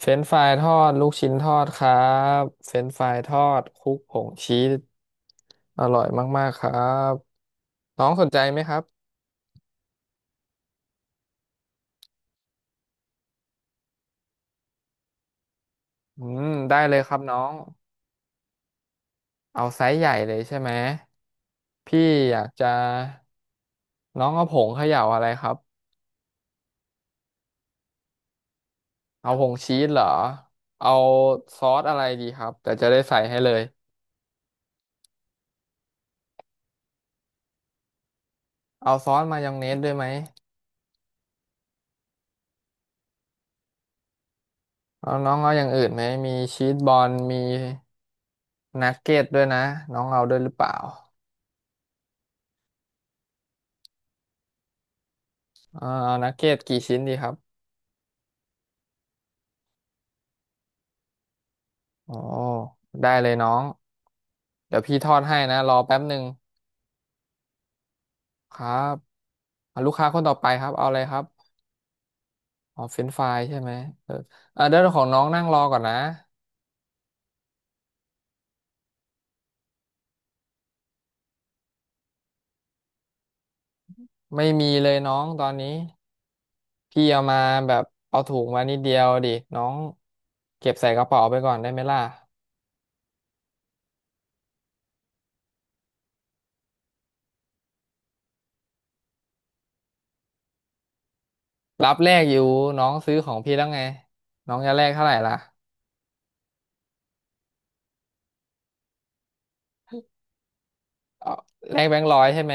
เฟรนช์ฟรายทอดลูกชิ้นทอดครับเฟรนช์ฟรายทอดคลุกผงชีสอร่อยมากๆครับน้องสนใจไหมครับอืมได้เลยครับน้องเอาไซส์ใหญ่เลยใช่ไหมพี่อยากจะน้องเอาผงเขย่าอะไรครับเอาผงชีสเหรอเอาซอสอะไรดีครับแต่จะได้ใส่ให้เลยเอาซอสมายองเนสด้วยไหมเอาน้องเอาอย่างอื่นไหมมีชีสบอลมีนักเก็ตด้วยนะน้องเอาด้วยหรือเปล่า เอานักเก็ตกี่ชิ้นดีครับอ๋อได้เลยน้อง เดี๋ยวพี่ทอดให้นะรอแป๊บหนึ่งครับอ่ะลูกค้าคนต่อไปครับเอาอะไรครับอ๋อเฟรนช์ฟรายใช่ไหมเออเดี๋ยวของน้องนั่งรอก่อนนะไม่มีเลยน้องตอนนี้ พี่เอามาแบบเอาถุงมานิดเดียวดิน้องเก็บใส่กระเป๋าไปก่อนได้ไหมล่ะรับแลกอยู่น้องซื้อของพี่แล้วไงน้องจะแลกเท่าไหร่ล่ะเอาแลกแบงค์ร้อยใช่ไหม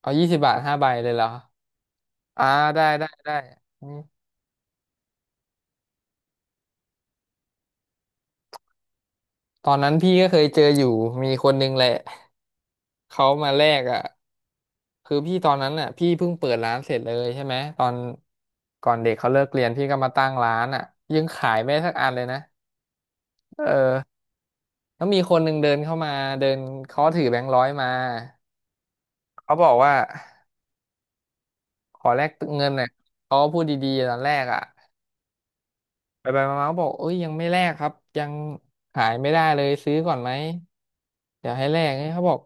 เอายี่สิบบาทห้าใบเลยเหรออ่าได้ได้ได้ ตอนนั้นพี่ก็เคยเจออยู่มีคนนึงแหละเขามาแลกอ่ะคือพี่ตอนนั้นอ่ะพี่เพิ่งเปิดร้านเสร็จเลยใช่ไหมตอนก่อนเด็กเขาเลิกเรียนพี่ก็มาตั้งร้านอ่ะยังขายไม่ได้สักอันเลยนะเออแล้วมีคนหนึ่งเดินเข้ามาเดินเขาถือแบงค์ร้อยมาเขาบอกว่าขอแลกเงินหน่อยเขาก็พูดดีๆตอนแรกอ่ะ ไปไปมาๆก็บอกเอ้ยยังไม่แลกครับยังขายไม่ได้เลยซื้อก่อนไหมเดี๋ยวให้แลกเงี้ยเขาบอก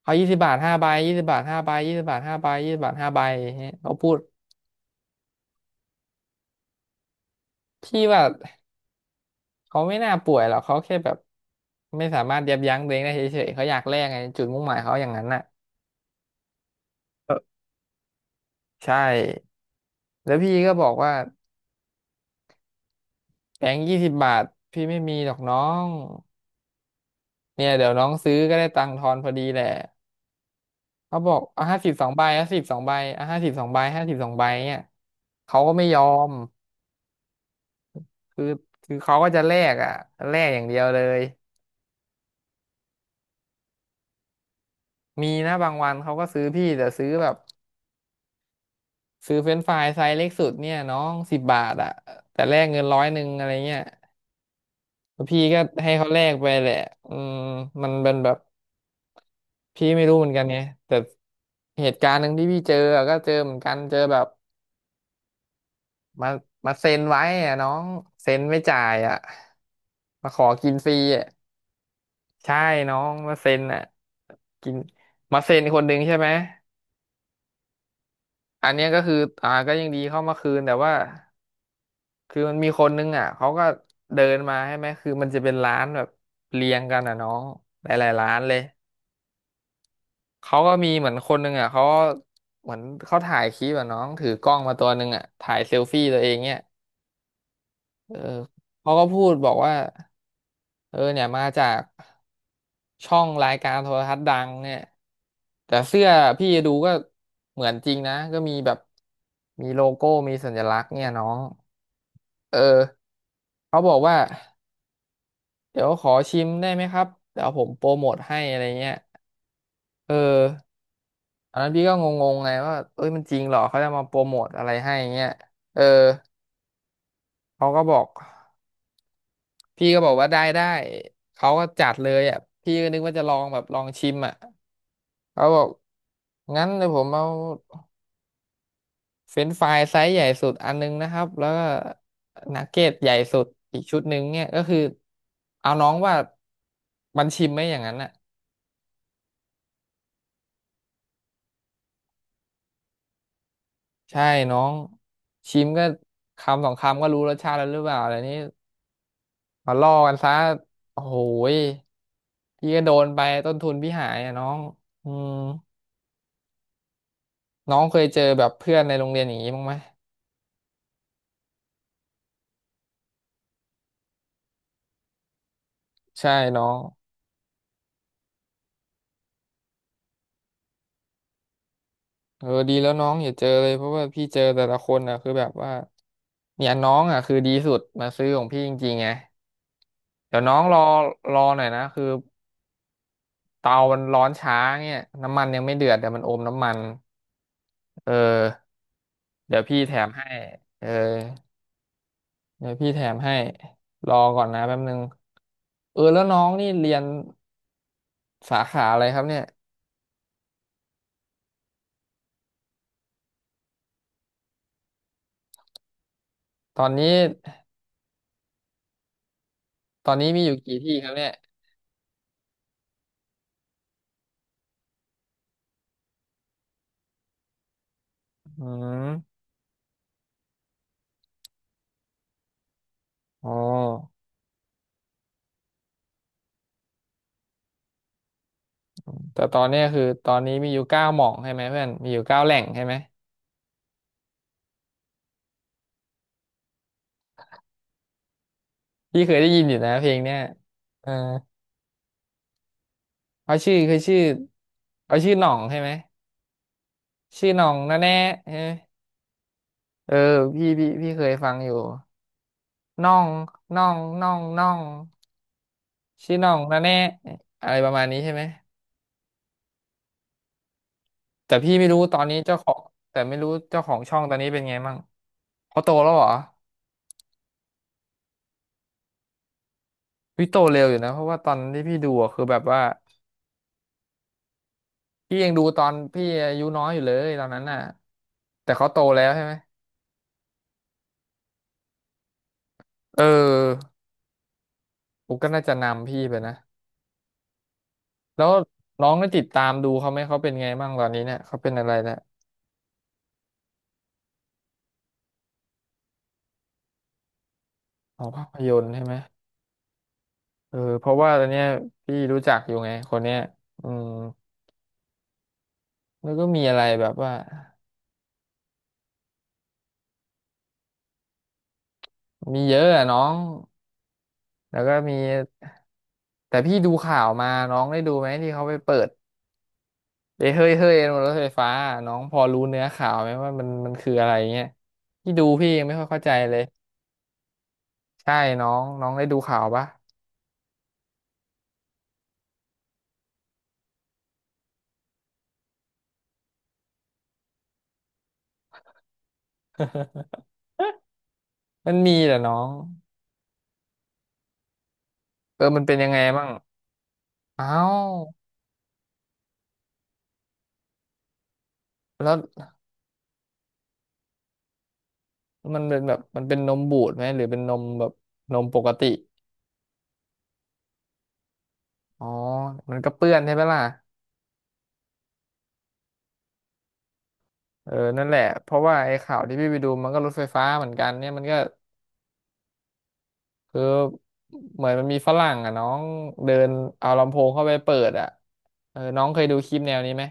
เขายี่สิบบาทห้าใบยี่สิบบาทห้าใบยี่สิบบาทห้าใบยี่สิบบาทห้าใบอย่างเงี้ยเขาพูดพี่ว่าเขาไม่น่าป่วยหรอกเขาแค่แบบไม่สามารถยับยั้งตัวเองได้เฉยๆเขาอยากแลกไงจุดมุ่งหมายเขาอย่างนั้นน่ะเออใช่แล้วพี่ก็บอกว่าแบงค์ยี่สิบบาทพี่ไม่มีหรอกน้องเนี่ยเดี๋ยวน้องซื้อก็ได้ตังค์ทอนพอดีแหละ เขาบอกเอาห้าสิบสองใบห้าสิบสองใบเอาห้าสิบสองใบห้าสิบสองใบเนี่ยเขาก็ไม่ยอมคือคือเขาก็จะแลกอ่ะแลกอย่างเดียวเลยมีนะบางวันเขาก็ซื้อพี่แต่ซื้อแบบซื้อเฟรนช์ฟรายไซส์เล็กสุดเนี่ยน้องสิบบาทอ่ะแต่แลกเงินร้อยหนึ่งอะไรเงี้ยแล้วพี่ก็ให้เขาแลกไปแหละอืมมันเป็นแบบพี่ไม่รู้เหมือนกันไงแต่เหตุการณ์หนึ่งที่พี่เจออะก็เจอเหมือนกันเจอแบบมามาเซ็นไว้อ่ะน้องเซ็นไม่จ่ายอ่ะมาขอกินฟรีอ่ะ ใช่น้อง มาเซ็นอ่ะกินมาเซ็นคนหนึ่งใช่ไหม อันเนี้ยก็คือก็ยังดีเข้ามาคืนแต่ว่าคือมันมีคนนึงอ่ะเขาก็เดินมาใช่ไหมคือมันจะเป็นร้านแบบเรียงกันอ่ะน้องหลายๆร้านเลยเขาก็มีเหมือนคนหนึงอ่ะเขาเหมือนเขาถ่ายคลิปอ่ะน้องถือกล้องมาตัวหนึงอ่ะถ่ายเซลฟี่ตัวเองเนี่ยเออเขาก็พูดบอกว่า เออเนี่ยมาจากช่องรายการโทรทัศน์ดังเนี่ยแต่เสื้อพี่ดูก็เหมือนจริงนะก็มีแบบมีโลโก้มีสัญลักษณ์เนี่ยน้องเออเขาบอกว่าเดี๋ยวขอชิมได้ไหมครับเดี๋ยวผมโปรโมทให้อะไรเงี้ยเออตอนนั้นพี่ก็งงๆไงว่าเอ้ยมันจริงเหรอเขาจะมาโปรโมทอะไรให้เงี้ยเออเขาก็บอกพี่ก็บอกว่าได้ได้เขาก็จัดเลยอ่ะพี่ก็นึกว่าจะลองแบบลองชิมอ่ะ เขาบอกงั้นเดี๋ยวผมเอาเฟรนช์ฟรายไซส์ใหญ่สุดอันนึงนะครับแล้วก็นักเก็ตใหญ่สุดอีกชุดหนึ่งเนี่ยก็คือเอาน้องว่ามันชิมไหมอย่างนั้นน่ะใช่น้องชิมก็คำสองคำก็รู้รสชาติแล้วหรือเปล่าอะไรนี้มาล่อกันซะโอ้โหยพี่ก็โดนไปต้นทุนพี่หายอ่ะน้องอืมน้องเคยเจอแบบเพื่อนในโรงเรียนอย่างนี้บ้างไหมใช่น้อง เออดีแล้วน้องอย่าเจอเลยเพราะว่าพี่เจอแต่ละคนอ่ะคือแบบว่าเนี่ยน้องอ่ะคือดีสุดมาซื้อของพี่จริงๆไงเดี๋ยวน้องรอรอหน่อยนะคือเตามันร้อนช้าเนี่ยน้ำมันยังไม่เดือดแต่มันอมน้ำมันเออเดี๋ยวพี่แถมให้เออเดี๋ยวพี่แถมให้รอก่อนนะแป๊บนึงเออแล้วน้องนี่เรียนสาขาอะไรครับเนี่ยตอนนี้ตอนนี้มีอยู่กี่ที่ครับเนี่ยอืมอ๋อ แต่ตอนเนี้ยคือตอนนี้มีอยู่เก้าหม่องใช่ไหมเพื่อนมีอยู่เก้าแหล่งใช่ไหมพี่เคยได้ยินอยู่นะเพลงเนี้ยเออเขาชื่อคือชื่อเขาชื่อหน่องใช่ไหมชื่อหน่องนะแน่ใช่ไหมเออพี่เคยฟังอยู่น่องน่องน่องน่องชื่อน่องนะแน่อะไรประมาณนี้ใช่ไหมแต่พี่ไม่รู้ตอนนี้เจ้าของแต่ไม่รู้เจ้าของช่องตอนนี้เป็นไงมั่งเขาโตแล้วเหรอพี่โตเร็วอยู่นะเพราะว่าตอนที่พี่ดูอะคือแบบว่าพี่ยังดูตอนพี่อายุน้อยอยู่เลยตอนนั้นน่ะ แต่เขาโตแล้วใช่ไหมเออปุ๊กก็น่าจะนำพี่ไปนะแล้วน้องได้ติดตามดูเขาไหมเขาเป็นไงบ้างตอนนี้เนี่ยเขาเป็นอะไรแล้วอ๋อภาพยนตร์ใช่ไหมเออเพราะว่าตอนเนี้ยพี่รู้จักอยู่ไงคนเนี้ยอืมแล้วก็มีอะไรแบบว่ามีเยอะอะน้องแล้วก็มีแต่พี่ดูข่าวมาน้องได้ดูไหมที่เขาไปเปิดเอ้ยเฮ้ยเฮ้ยบนรถไฟฟ้าน้องพอรู้เนื้อข่าวไหมว่ามันคืออะไรเงี้ยพี่ดูพี่ยังไม่ค่อยเข้าใจเลยใช่น้องน้องได้ดูข่าวปะ มันมีแหละน้องเออมันเป็นยังไงบ้างอ้าวแล้วมันเป็นแบบมันเป็นนมบูดไหมหรือเป็นนมแบบนมปกติอ๋อมันก็เปื้อนใช่ไหมล่ะเออนั่นแหละเพราะว่าไอ้ข่าวที่พี่ไปดูมันก็รถไฟฟ้าเหมือนกันเนี่ยมันก็คือเหมือนมันมีฝรั่งอ่ะน้องเดินเอาลำโพงเข้าไปเปิดอ่ะเออน้องเคยดูคลิปแนวนี้ไหม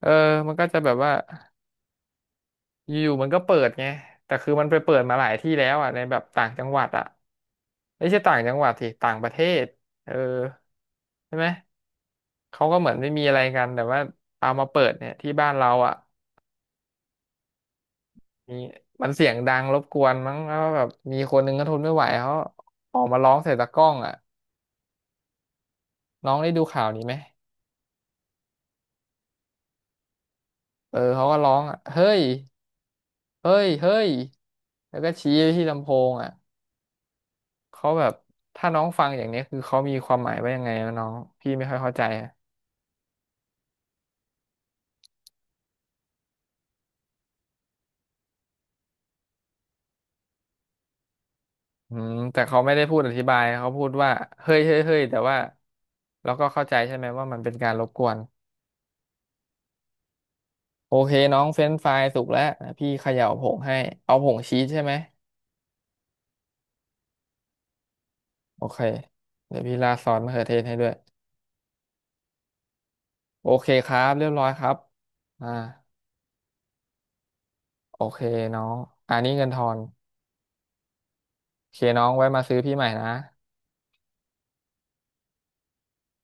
เออมันก็จะแบบว่าอยู่ๆมันก็เปิดไงแต่คือมันไปเปิดมาหลายที่แล้วอ่ะในแบบต่างจังหวัดอ่ะ ไม่ใช่ต่างจังหวัดสิต่างประเทศเออใช่ไหมเขาก็เหมือนไม่มีอะไรกันแต่ว่าเอามาเปิดเนี่ยที่บ้านเราอ่ะมีมันเสียงดังรบกวนมั้งแล้วแบบมีคนหนึงก็ทนไม่ไหวเขาออกมาร้องใส่ตะกร้องอ่ะน้องได้ดูข่าวนี้ไหมเออเขาก็ร้องอ่ะเฮ้ยเฮ้ยเฮ้ยแล้วก็ชี้ไปที่ลำโพงอ่ะเขาแบบถ้าน้องฟังอย่างเนี้ยคือเขามีความหมายว่ายังไงวะน้องพี่ไม่ค่อยเข้าใจ อืมแต่เขาไม่ได้พูดอธิบายเขาพูดว่าเฮ้ยเฮ้ยเฮ้ยแต่ว่าเราก็เข้าใจใช่ไหมว่ามันเป็นการรบกวนโอเคน้องเฟรนช์ฟรายสุกแล้วนะพี่เขย่าผงให้เอาผงชีสใช่ไหมโอเคเดี๋ยวพี่ราดซอสมะเขือเทศให้ด้วยโอเคครับเรียบร้อยครับอ่าโอเคน้องอันนี้เงินทอนโอเคน้องไว้มาซื้อพี่ใหม่นะ